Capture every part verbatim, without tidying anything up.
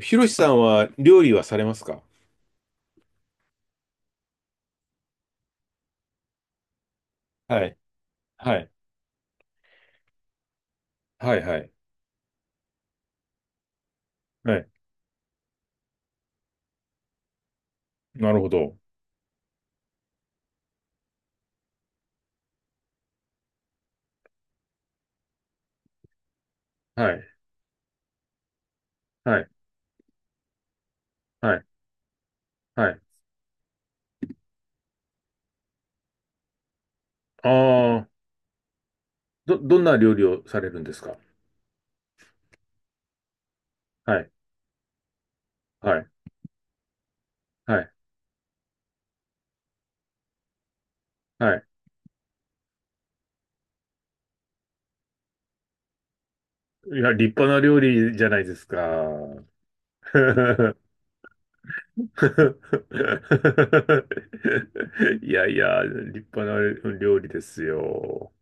ひろしさんは料理はされますか？はい、はい、はいはい。はい。なるほど。はい。はい。はい。はい。ああ、ど、どんな料理をされるんですか？はい。はい。はい。はい。いや、立派な料理じゃないですか。いやいや、立派な料理ですよ。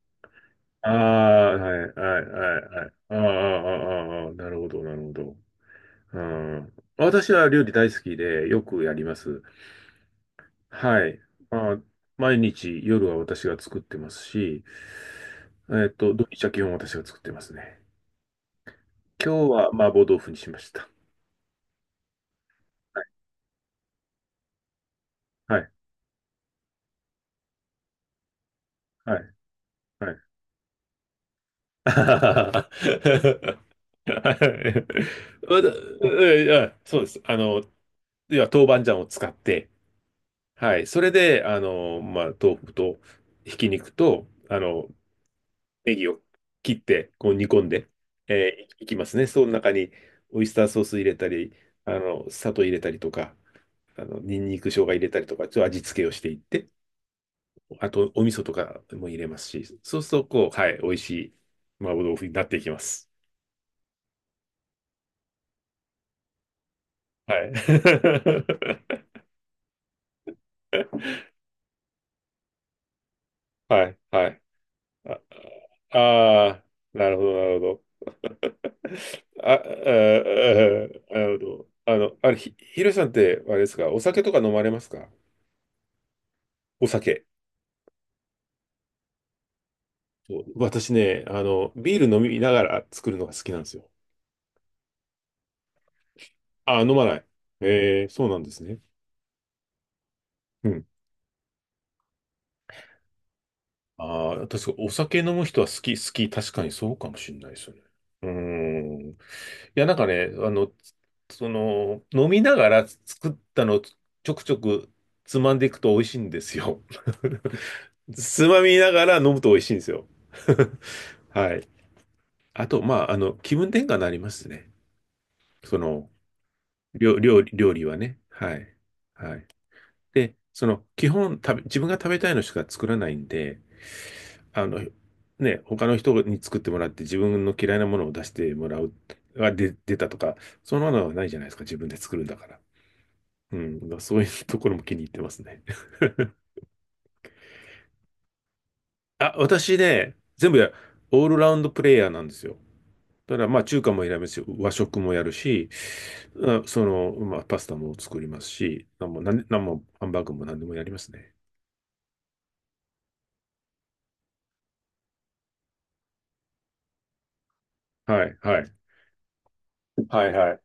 ああ、はい。はい。はい。はい。ああ、ああ、ああ、ああなるほど、なるほど。うん。私は料理大好きでよくやります。はい。まあ、毎日夜は私が作ってますし、えっと、土日は基本私が作ってますね。今日は麻婆豆腐にしました。はい。はい。はい。あはいまだえいやそうです。あの、いや、豆板醤を使って、はい。それで、あの、まあ、豆腐と、ひき肉と、あの、ネギを切って、こう煮込んで、えーいいきますね。その中にオイスターソース入れたり、あの、砂糖入れたりとか、あの、ニンニク、生姜入れたりとか、ちょっと味付けをしていって、あとお味噌とかも入れますし、そうすると、こう、はい、美味しい麻婆豆腐になっていきます。はい。はい、はい。あ、あー、なるほど、なるほど。あ、あー、あーなるほど。あの、あれ、ひ、ひろしさんって、あれですか、お酒とか飲まれますか？お酒。そう私ね、あの、ビール飲みながら作るのが好きなんですよ。あ、飲まない。えー、そうなんですね。うん。ああ、確かお酒飲む人は好き、好き。確かにそうかもしれないですよね。うーん。いや、なんかね、あの、その、飲みながら作ったのをちょくちょくつまんでいくと美味しいんですよ。つまみながら飲むと美味しいんですよ。はい。あと、まあ、あの、気分転換になりますね。その、料、料理、料理はね。はい。はい。で、その、基本食べ、自分が食べたいのしか作らないんで、あの、ね、他の人に作ってもらって自分の嫌いなものを出してもらう、が出、出たとか、そんなのはないじゃないですか。自分で作るんだから。うん。そういうところも気に入ってますね。あ、私ね、全部や、オールラウンドプレイヤーなんですよ。ただからまあ中華も選べし、和食もやるし、あその、まあパスタも作りますし、なんも、なんでなんもハンバーグも何でもやりますね。はい、はい。はいはい。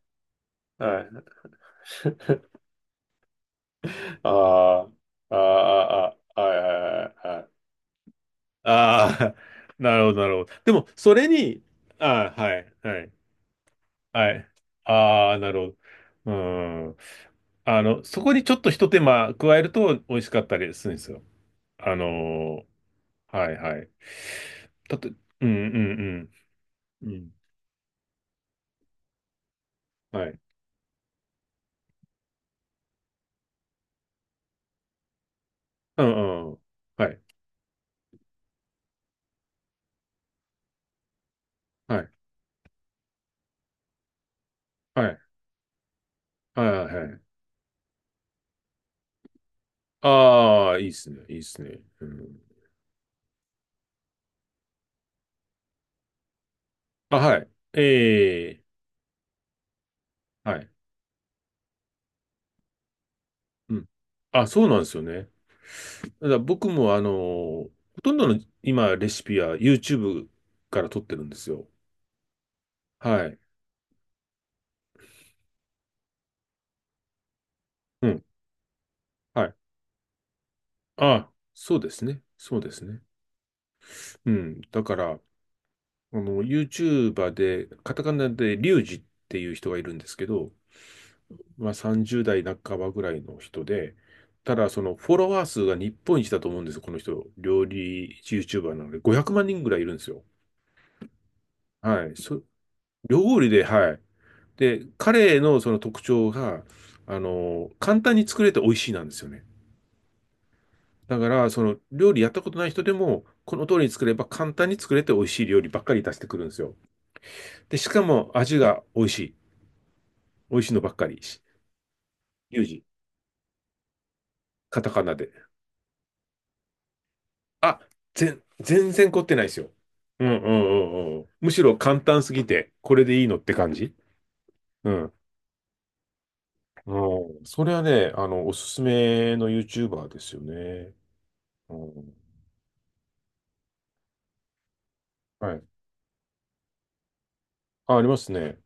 はい。ああ、ああ、ああ、はいはいはいはい。ああ、なるほど、なるほど。でも、それに、ああ、はい、はい、はい。ああ、なるほど。うん。あの、そこにちょっとひと手間加えると美味しかったりするんですよ。あのーはい、はい。だって、うん、うん、うん、うん。はい。うん、うん。はい、はい、はい、はい、はい。ああ、いいっすね、いいっすね。うんあ、はい。ええ、はい。うん。あ、そうなんですよね。ただ僕もあの、ほとんどの今レシピは YouTube から撮ってるんですよ。はい。うん。はい。あ、そうですね。そうですね。うん。だから、あの、YouTuber で、カタカナでリュウジっていう人がいるんですけど、まあさんじゅう代半ばぐらいの人で、ただそのフォロワー数が日本一だと思うんですよ、この人。料理 YouTuber なのでごひゃくまん人ぐらいいるんですよ。はい。そ、料理で、はい。で、彼のその特徴が、あの、簡単に作れて美味しいなんですよね。だから、その料理やったことない人でも、この通りに作れば簡単に作れて美味しい料理ばっかり出してくるんですよ。で、しかも味が美味しい。美味しいのばっかりし。リュウジ、カタカナで。あ、全、全然凝ってないですよ。うんうんうんうん。むしろ簡単すぎて、これでいいのって感じ。うん。うん、それはね、あの、おすすめの YouTuber ですよね。うんはいあ、ありますね。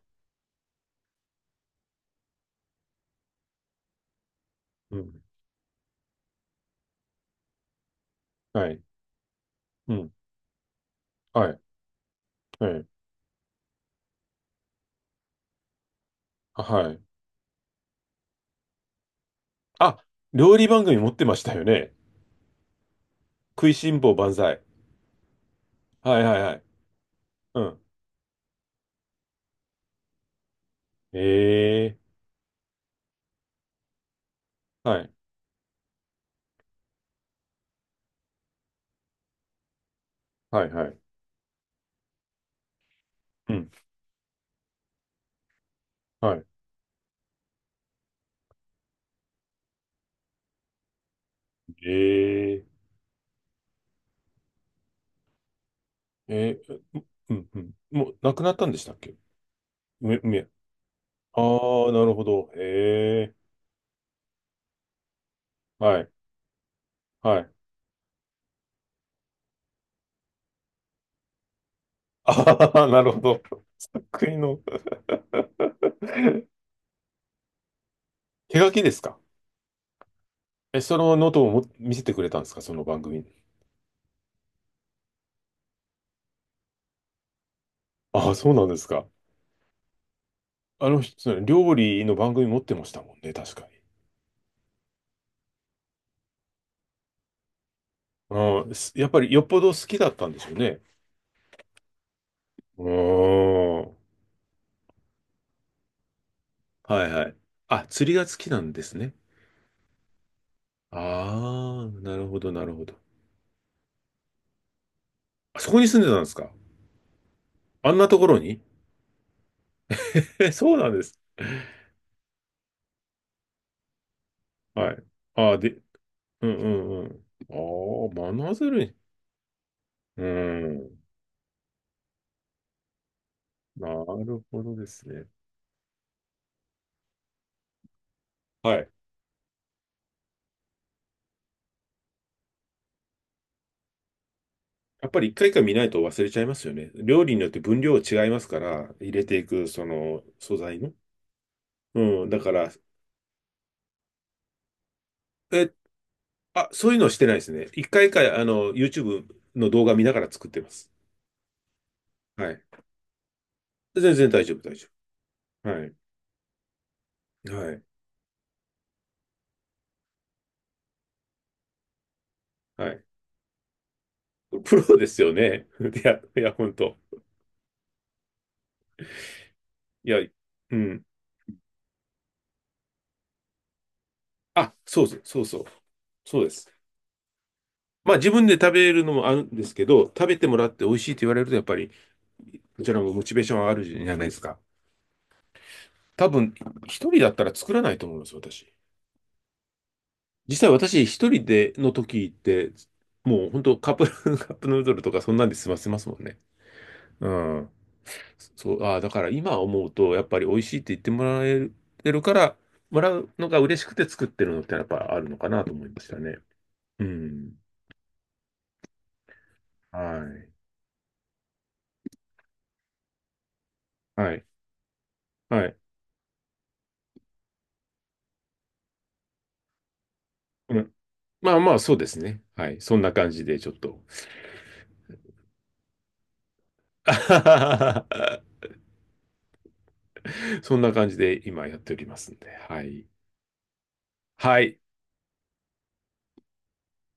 うん。はい。うん。はい。はい。あ、はい。あ、料理番組持ってましたよね。食いしん坊万歳。はいはいはい。うん。ええーはい。はいはい。うん。はい。ええーえーうん。うん。もう、亡くなったんでしたっけ？め、め、ああー、なるほど。ええーはい。はい。ああ、なるほど。国の 手書きですか？え、そのノートをも見せてくれたんですか？その番組。ああ、そうなんですか。あの人、料理の番組持ってましたもんね、確かに。うん、すやっぱりよっぽど好きだったんでしょうね。うーん。はいはい。あ、釣りが好きなんですね。ああ、なるほど、なるほど。あそこに住んでたんですか？あんなところに え、そうなんです。はい。ああ、で、うんうんうん。ああ、真鶴に。うん。なるほどですね。はい。やっぱり一回一回見ないと忘れちゃいますよね。料理によって分量違いますから、入れていく、その、素材の。うん、だから、え、あ、そういうのはしてないですね。一回一回、あの、YouTube の動画見ながら作ってます。はい。全然大丈夫、大丈夫。はい。はい。はい。プロですよね。いや、いや、本当。いや、うん。あ、そうそう、そうそう。そうです。まあ、自分で食べるのもあるんですけど、食べてもらって美味しいって言われると、やっぱり、こちらもモチベーション上がるじゃないですか。多分、一人だったら作らないと思います、私。実際私一人での時って、もう本当カップ、カップヌードルとかそんなんで済ませますもんね。うん。そう、ああ、だから今思うと、やっぱり美味しいって言ってもらえてるから、もらうのが嬉しくて作ってるのってやっぱあるのかなと思いましたね。うん。はい。はい。はい。うん。まあまあ、そうですね。はい。そんな感じで、ちょっと。そんな感じで今やっておりますんで。はい。はい。